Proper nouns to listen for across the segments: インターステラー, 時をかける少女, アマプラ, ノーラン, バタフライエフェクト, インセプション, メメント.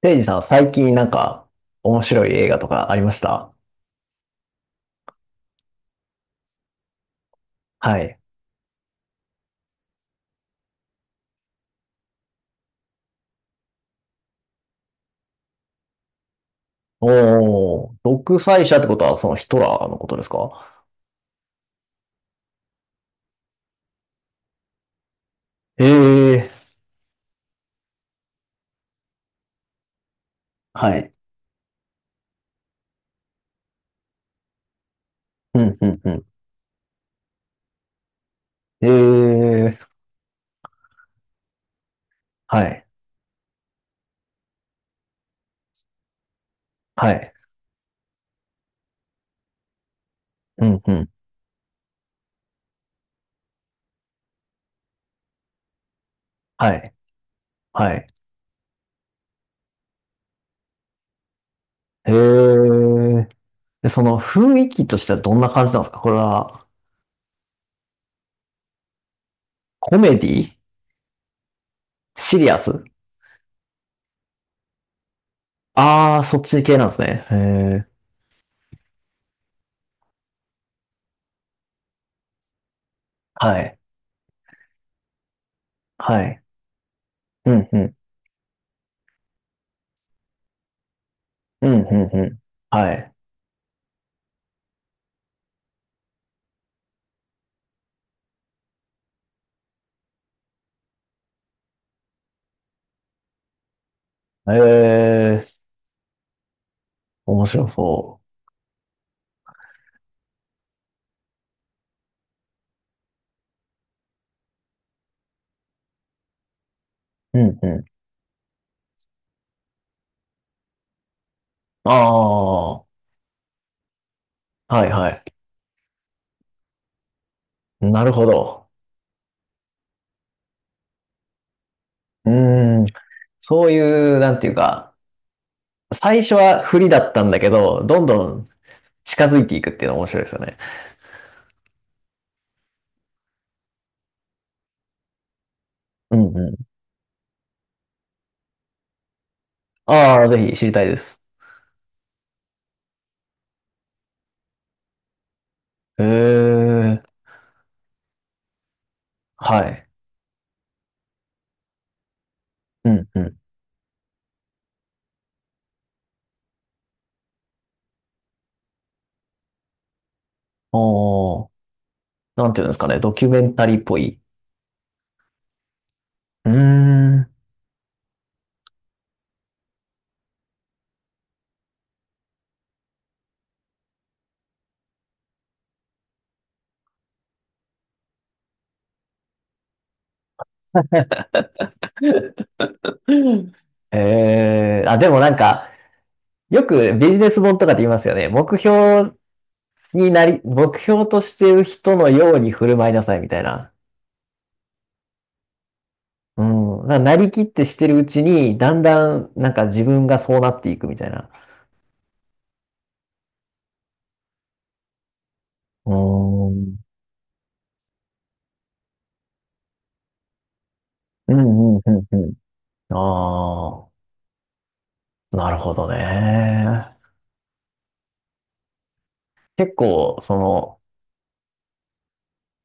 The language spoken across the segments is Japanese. レイジさん、最近なんか面白い映画とかありましたはい。おー、独裁者ってことはそのヒトラーのことですか？ええー、はい。うん、うん、うん。ええー、はい、はい。うん、うん、はい、はい。ええー、で、その雰囲気としてはどんな感じなんですかこれは、コメディ、シリアス？ああー、そっち系なんですね。ええ、はい、はい。うん、うん、うん、うん、うん。はい。ええー、面白そう。うんうん。ああ、はいはい。なるほど。うーん。そういう、なんていうか、最初は不利だったんだけど、どんどん近づいていくっていうの面白いですよね。うんうん。ああ、ぜひ知りたいです。へえ、はい。うんうん。おお、なんていうんですかね、ドキュメンタリーっぽい。うーん。えー、あ、でもなんか、よくビジネス本とかで言いますよね。目標になり、目標としてる人のように振る舞いなさいみたいな。うん。だからなりきってしてるうちに、だんだん、なんか自分がそうなっていくみたいな。うーん。うん、うん、うん、うん。ああ、なるほどね。結構、その、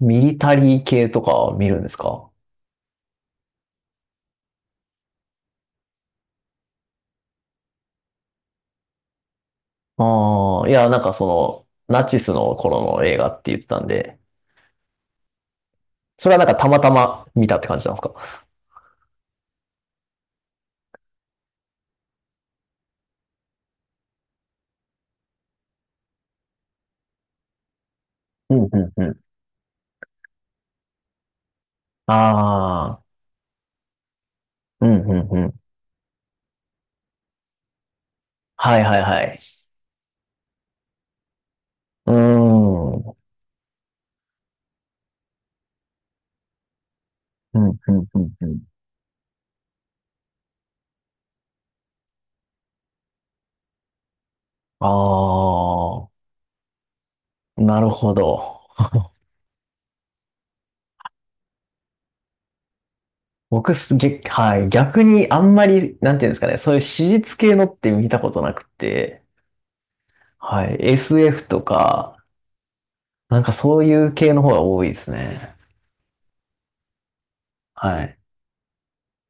ミリタリー系とか見るんですか？ああ、いや、なんかその、ナチスの頃の映画って言ってたんで、それはなんかたまたま見たって感じなんですか？うん、うん、うん。ああ、うん、うん、うん。はい、はい、はい。うーん。うん、うん、うん、うん。ああ。なるほど。僕す、げ、はい。逆にあんまり、なんていうんですかね、そういう史実系のって見たことなくて、はい。SF とか、なんかそういう系の方が多いですね。はい。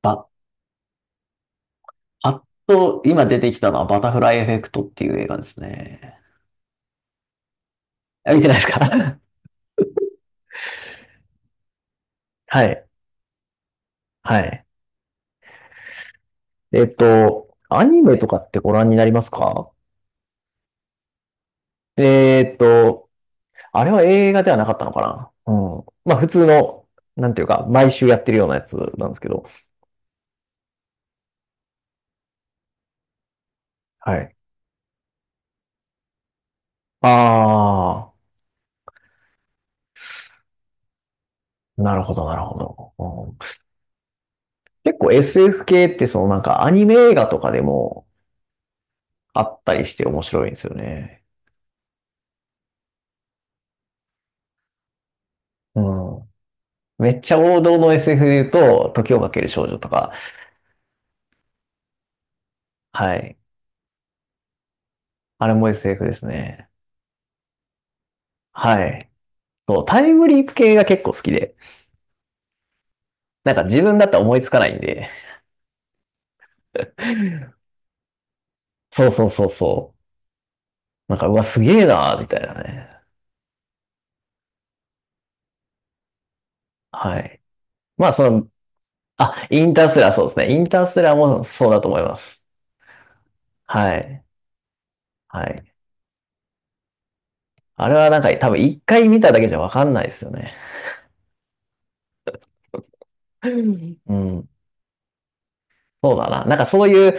ば、あっと、今出てきたのはバタフライエフェクトっていう映画ですね。あ、見てないですか？ はい。はい。えっと、アニメとかってご覧になりますか？えっと、あれは映画ではなかったのかな。うん。まあ普通の、なんていうか、毎週やってるようなやつなんですけど。はい。ああ、なるほど、なるほど。うん、結構 SF 系って、そのなんかアニメ映画とかでもあったりして面白いんですよね。うん。めっちゃ王道の SF で言うと、時をかける少女とか。はい。あれも SF ですね。はい。そう、タイムリープ系が結構好きで。なんか自分だったら思いつかないんで。そうそうそうそう。なんか、うわ、すげえなーみたいなね。はい。まあ、その、あ、インターステラーそうですね。インターステラーもそうだと思います。はい。はい。あれはなんか多分一回見ただけじゃわかんないですよね。うん。そうだな。なんかそういう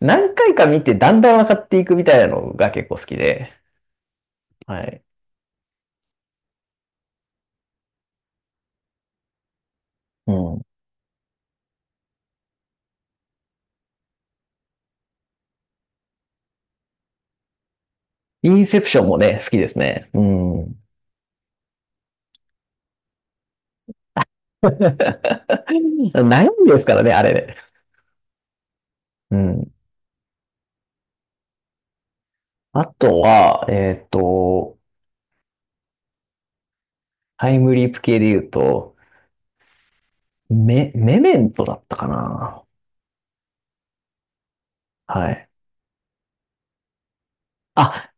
何回か見てだんだん分かっていくみたいなのが結構好きで。はい。うん。インセプションもね、好きですね。うん。悩みですからね、あれで。うん。あとは、えっと、タイムリープ系で言うと、メ、メメントだったかな。はい。あ、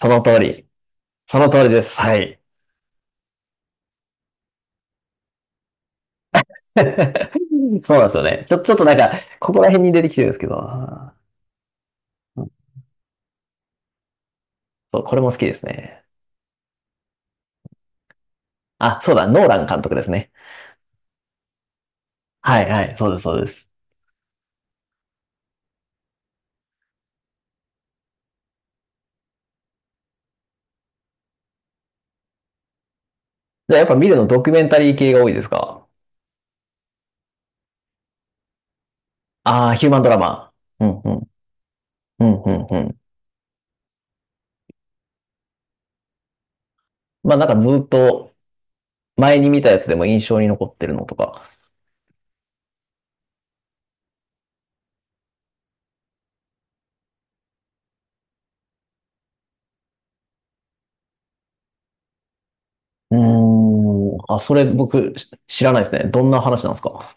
その通り。その通りです。はい。そうなんですよね。ちょ、ちょっとなんか、ここら辺に出てきてるんですけど、あーうん、そう、これも好きですね。あ、そうだ、ノーラン監督ですね。はいはい、そうです、そうです。じゃあやっぱ見るのドキュメンタリー系が多いですか？ああー、ヒューマンドラマ。うんうん、うん、うん、うん。まあなんかずっと前に見たやつでも印象に残ってるのとか。うーん、あ、それ僕し知らないですね。どんな話なんですか？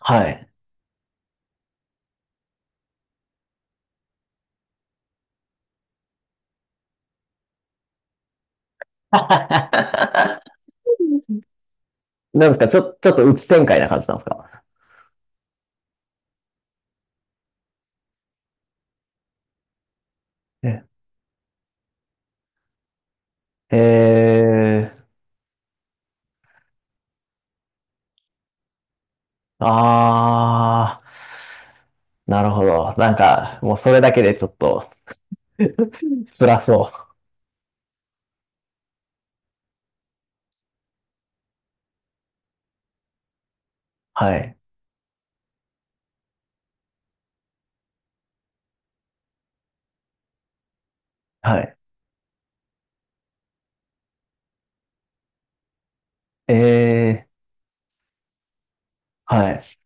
はい。なんですか、ちょ、ちょっと鬱展開な感じなんですか？ええー、ああ、なるほど。なんか、もうそれだけでちょっと辛そう。はい。はい。ええ、はい。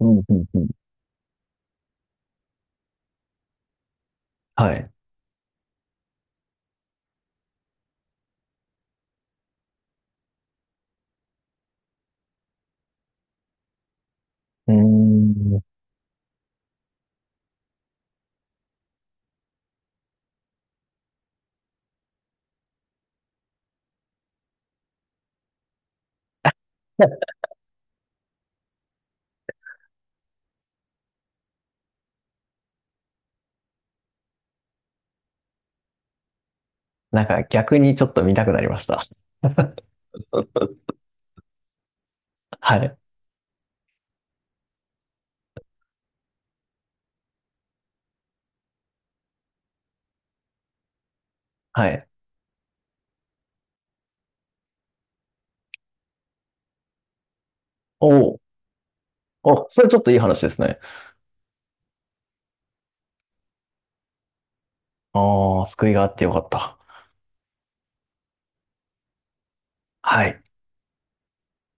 うん、うん、うん。はい。うーん。なんか逆にちょっと見たくなりました。はい。はい。おお、お、それちょっといい話ですね。ああ、救いがあってよかった。はい。